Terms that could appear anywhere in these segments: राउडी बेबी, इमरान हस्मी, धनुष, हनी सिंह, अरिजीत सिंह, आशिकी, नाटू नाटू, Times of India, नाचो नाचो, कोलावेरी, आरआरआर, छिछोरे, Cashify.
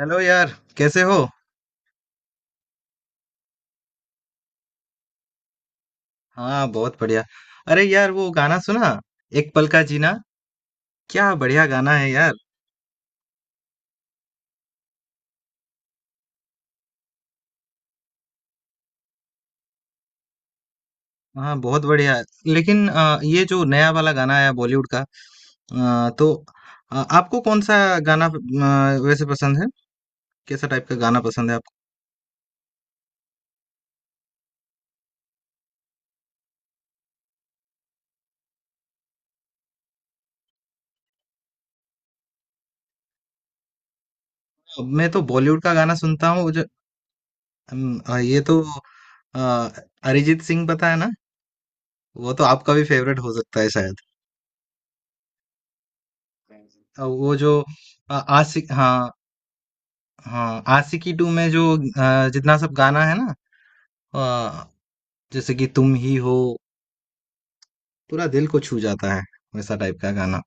Hello यार। कैसे हो? हाँ, बहुत बढ़िया। अरे यार, वो गाना सुना, एक पल का जीना? क्या बढ़िया गाना है यार। हाँ बहुत बढ़िया। लेकिन ये जो नया वाला गाना आया बॉलीवुड का, तो आपको कौन सा गाना वैसे पसंद है? कैसा टाइप का गाना पसंद है आपको? मैं तो बॉलीवुड का गाना सुनता हूँ जो। ये तो। अ, अरिजीत सिंह, पता है ना? वो तो आपका भी फेवरेट हो सकता है शायद। वो जो आशिक, हाँ। हाँ, आशिकी टू में जो जितना सब गाना है ना, अ, जैसे कि तुम ही हो। पूरा दिल को छू जाता है, वैसा टाइप का गाना।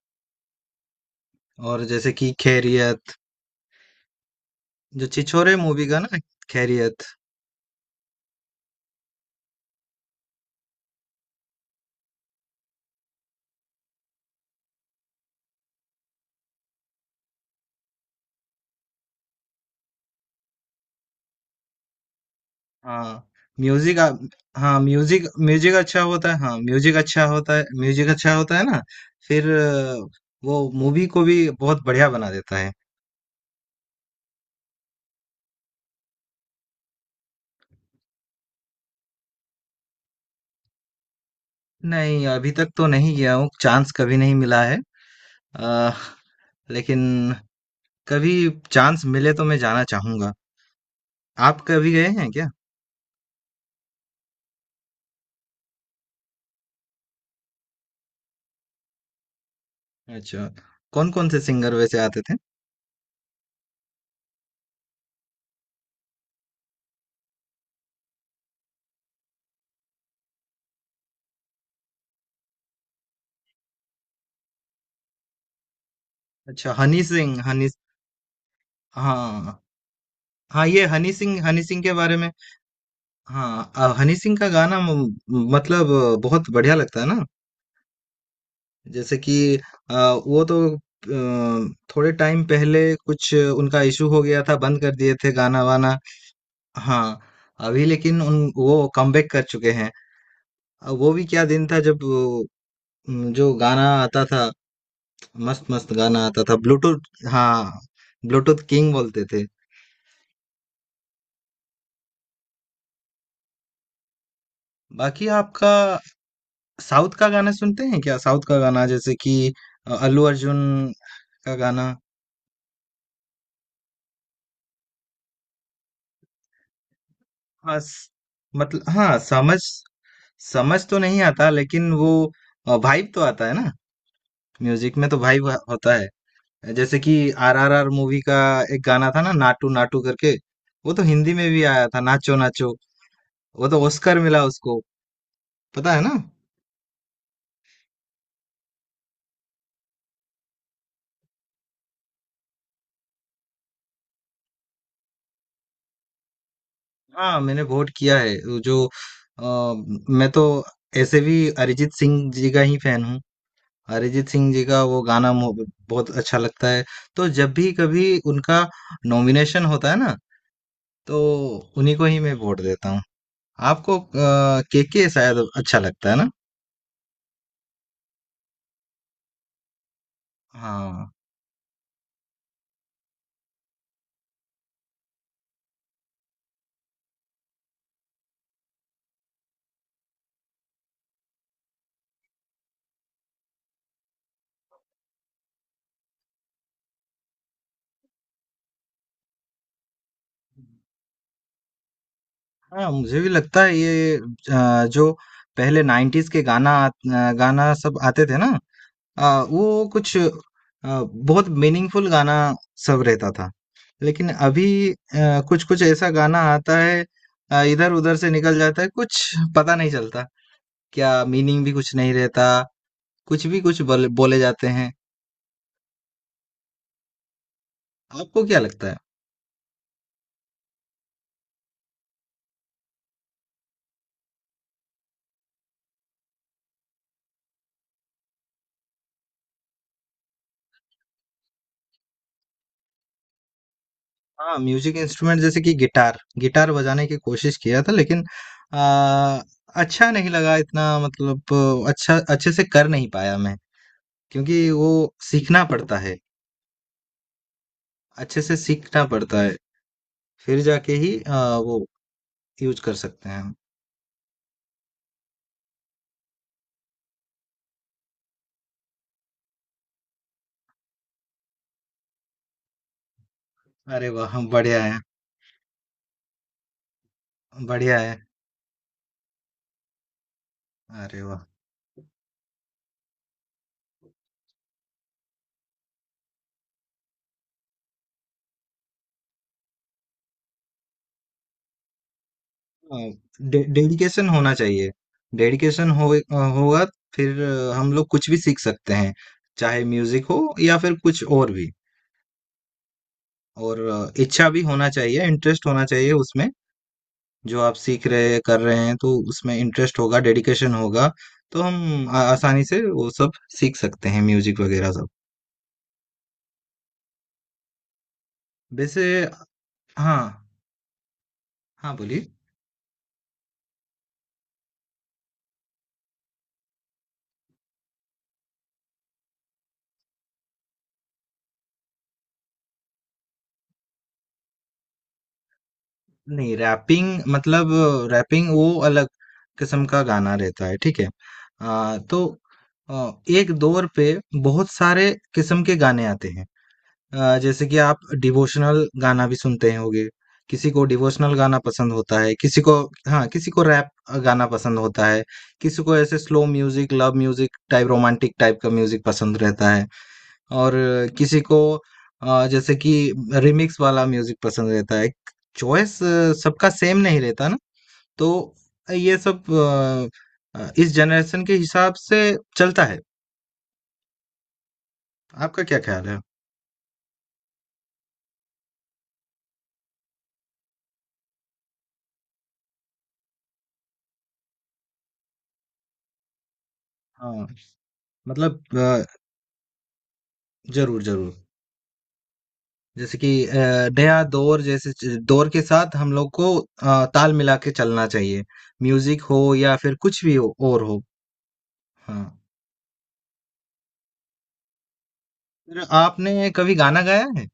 और जैसे कि खैरियत, जो छिछोरे मूवी का ना, खैरियत। हाँ, म्यूजिक। हाँ, म्यूजिक म्यूजिक अच्छा होता है। हाँ, म्यूजिक अच्छा होता है, म्यूजिक अच्छा होता है ना। फिर वो मूवी को भी बहुत बढ़िया बना देता है। नहीं, अभी तक तो नहीं गया हूँ, चांस कभी नहीं मिला है। अ, लेकिन कभी चांस मिले तो मैं जाना चाहूंगा। आप कभी गए हैं क्या? अच्छा, कौन कौन से सिंगर वैसे आते थे? अच्छा, हनी सिंह, हनी। हाँ। हाँ, ये हनी सिंह, हनी सिंह के बारे में। हाँ, हनी सिंह का गाना मतलब बहुत बढ़िया लगता है ना। जैसे कि, अ, वो तो थोड़े टाइम पहले कुछ उनका इशू हो गया था, बंद कर दिए थे गाना वाना। हाँ, अभी लेकिन उन वो कमबैक कर चुके हैं। वो भी क्या दिन था जब जो गाना आता था, मस्त मस्त गाना आता था। ब्लूटूथ, हाँ। ब्लूटूथ किंग बोलते थे। बाकी आपका, साउथ का गाना सुनते हैं क्या? साउथ का गाना, जैसे कि अल्लू अर्जुन का गाना। हाँ मतलब, हाँ, समझ समझ तो नहीं आता, लेकिन वो वाइब तो आता है ना। म्यूजिक में तो वाइब होता है। जैसे कि आरआरआर मूवी का एक गाना था ना, नाटू नाटू करके। वो तो हिंदी में भी आया था, नाचो नाचो। वो तो ऑस्कर मिला उसको, पता है ना। हाँ मैंने वोट किया है। वो जो, अ, मैं तो ऐसे भी अरिजीत सिंह जी का ही फैन हूँ। अरिजीत सिंह जी का वो गाना बहुत अच्छा लगता है। तो जब भी कभी उनका नॉमिनेशन होता है ना, तो उन्हीं को ही मैं वोट देता हूँ। आपको केके शायद अच्छा लगता है ना? हाँ। हाँ, मुझे भी लगता है ये, जो पहले नाइन्टीज के गाना सब आते थे ना, अ, वो कुछ बहुत मीनिंगफुल गाना सब रहता था। लेकिन अभी अ, कुछ-कुछ ऐसा गाना आता है, इधर-उधर से निकल जाता है, कुछ पता नहीं चलता। क्या मीनिंग भी कुछ नहीं रहता, कुछ भी कुछ बल बोले जाते हैं। आपको क्या लगता है? हाँ, म्यूज़िक इंस्ट्रूमेंट जैसे कि गिटार, गिटार बजाने की कोशिश किया था लेकिन अ, अच्छा नहीं लगा इतना, मतलब अच्छा अच्छे से कर नहीं पाया मैं, क्योंकि वो सीखना पड़ता है, अच्छे से सीखना पड़ता है। फिर जाके ही वो यूज कर सकते हैं हम। अरे वाह हम, बढ़िया है। बढ़िया है। अरे वाह। हाँ, डेडिकेशन होना चाहिए। डेडिकेशन हो, होगा। फिर हम लोग कुछ भी सीख सकते हैं, चाहे म्यूजिक हो या फिर कुछ और भी। और इच्छा भी होना चाहिए, इंटरेस्ट होना चाहिए उसमें। जो आप सीख रहे, कर रहे हैं, तो उसमें इंटरेस्ट होगा, डेडिकेशन होगा। तो हम आसानी से वो सब सीख सकते हैं, म्यूजिक वगैरह सब। वैसे। हाँ। हाँ बोलिए। नहीं, रैपिंग मतलब, रैपिंग वो अलग किस्म का गाना रहता है, ठीक है। तो आ, एक दौर पे बहुत सारे किस्म के गाने आते हैं। जैसे कि आप डिवोशनल गाना भी सुनते होंगे। किसी को डिवोशनल गाना पसंद होता है, किसी को। हाँ। किसी को रैप गाना पसंद होता है। किसी को ऐसे slow music, love music type, romantic type का म्यूजिक पसंद रहता है। और किसी को, जैसे कि रिमिक्स वाला म्यूजिक पसंद रहता है। चॉइस सबका सेम नहीं रहता ना, तो ये सब इस जनरेशन के हिसाब से चलता है। आपका क्या ख्याल है? हाँ, मतलब, जरूर जरूर। जैसे कि नया दौर, जैसे दौर के साथ हम लोग को ताल मिला के चलना चाहिए, म्यूजिक हो या फिर कुछ भी हो, और हो। हाँ। फिर आपने कभी गाना गाया है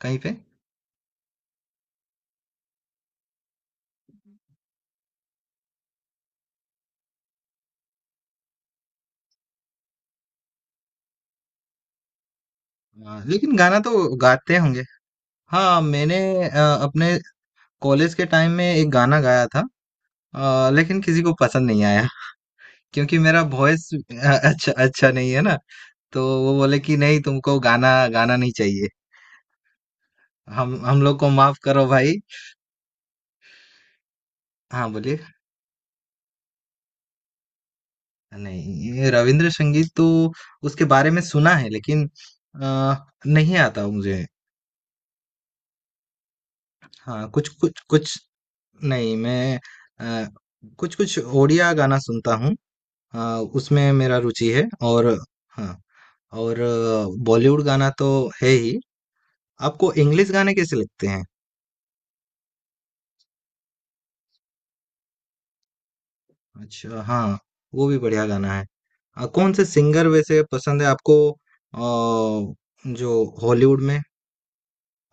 कहीं पे? हाँ, लेकिन गाना तो गाते होंगे। हाँ, मैंने अपने कॉलेज के टाइम में एक गाना गाया था, लेकिन किसी को पसंद नहीं आया, क्योंकि मेरा वॉइस अच्छा अच्छा नहीं है ना। तो वो बोले कि नहीं, तुमको गाना गाना नहीं चाहिए, हम लोग को माफ करो भाई। हाँ बोलिए। नहीं, ये रविंद्र संगीत तो उसके बारे में सुना है, लेकिन अ, नहीं आता मुझे। हाँ, कुछ कुछ। कुछ नहीं, मैं अ, कुछ कुछ ओडिया गाना सुनता हूँ। अ, उसमें मेरा रुचि है, और हाँ, और बॉलीवुड गाना तो है ही। आपको इंग्लिश गाने कैसे लगते हैं? अच्छा, हाँ, वो भी बढ़िया गाना है। कौन से सिंगर वैसे पसंद है आपको, आ, जो हॉलीवुड में,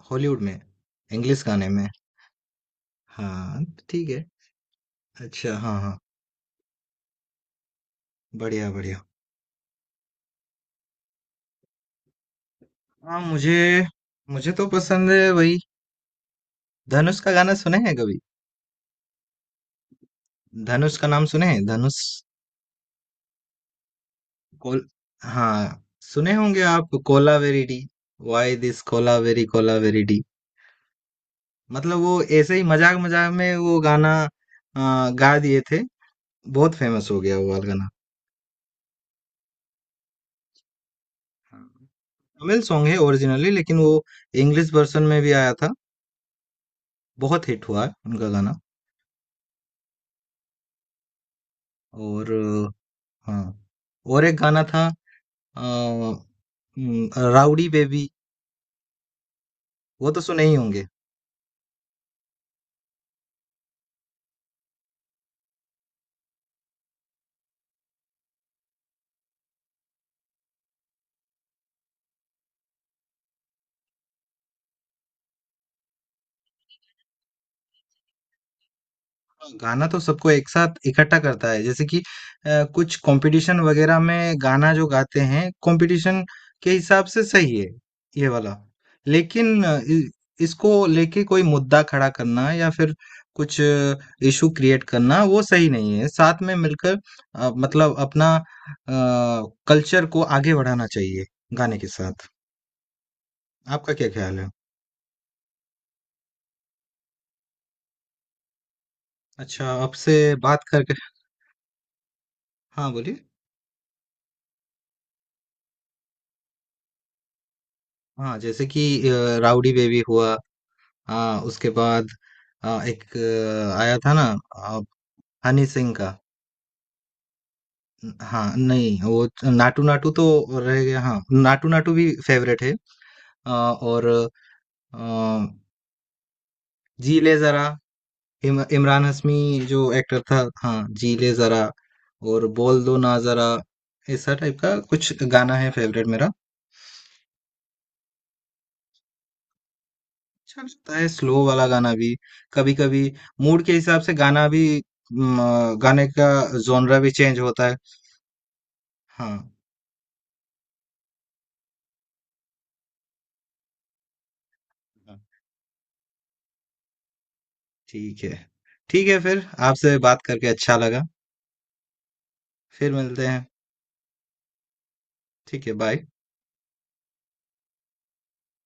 हॉलीवुड में, इंग्लिश गाने में। हाँ। ठीक है। अच्छा, हाँ हाँ, बढ़िया बढ़िया। हाँ, मुझे मुझे तो पसंद है वही। धनुष का गाना सुने हैं कभी? धनुष का नाम सुने हैं, धनुष। कोल हाँ, सुने होंगे आप, कोलावेरी, वाई दिस कोलावेरी कोलावेरी। मतलब वो ऐसे ही मजाक मजाक में वो गाना गा दिए थे। बहुत फेमस हो गया वो वाला गाना। हाँ, तमिल सॉन्ग है ओरिजिनली, लेकिन वो इंग्लिश वर्जन में भी आया था। बहुत हिट हुआ है उनका गाना। और हाँ, और एक गाना था, अ, राउडी बेबी, वो तो सुने ही होंगे। गाना तो सबको एक साथ इकट्ठा करता है, जैसे कि कुछ कंपटीशन वगैरह में गाना जो गाते हैं, कंपटीशन के हिसाब से सही है ये वाला। लेकिन इसको लेके कोई मुद्दा खड़ा करना या फिर कुछ इशू क्रिएट करना वो सही नहीं है। साथ में मिलकर, मतलब अपना कल्चर को आगे बढ़ाना चाहिए, गाने के साथ। आपका क्या ख्याल है? अच्छा, आपसे बात करके। हाँ बोलिए। हाँ, जैसे कि राउडी बेबी हुआ। हाँ, उसके बाद एक आया था ना, आ, हनी सिंह का। हाँ नहीं, वो नाटू नाटू तो रह गया। हाँ, नाटू नाटू भी फेवरेट है। और आ, जी ले जरा, इमरान हस्मी जो एक्टर था, हाँ, जी ले जरा। और बोल दो ना जरा। ऐसा टाइप का कुछ गाना है फेवरेट मेरा। अच्छा लगता है स्लो वाला गाना भी, कभी कभी। मूड के हिसाब से गाना भी, गाने का जोनरा भी चेंज होता है। हाँ, ठीक है। ठीक है, फिर आपसे बात करके अच्छा लगा। फिर मिलते हैं। ठीक है, बाय।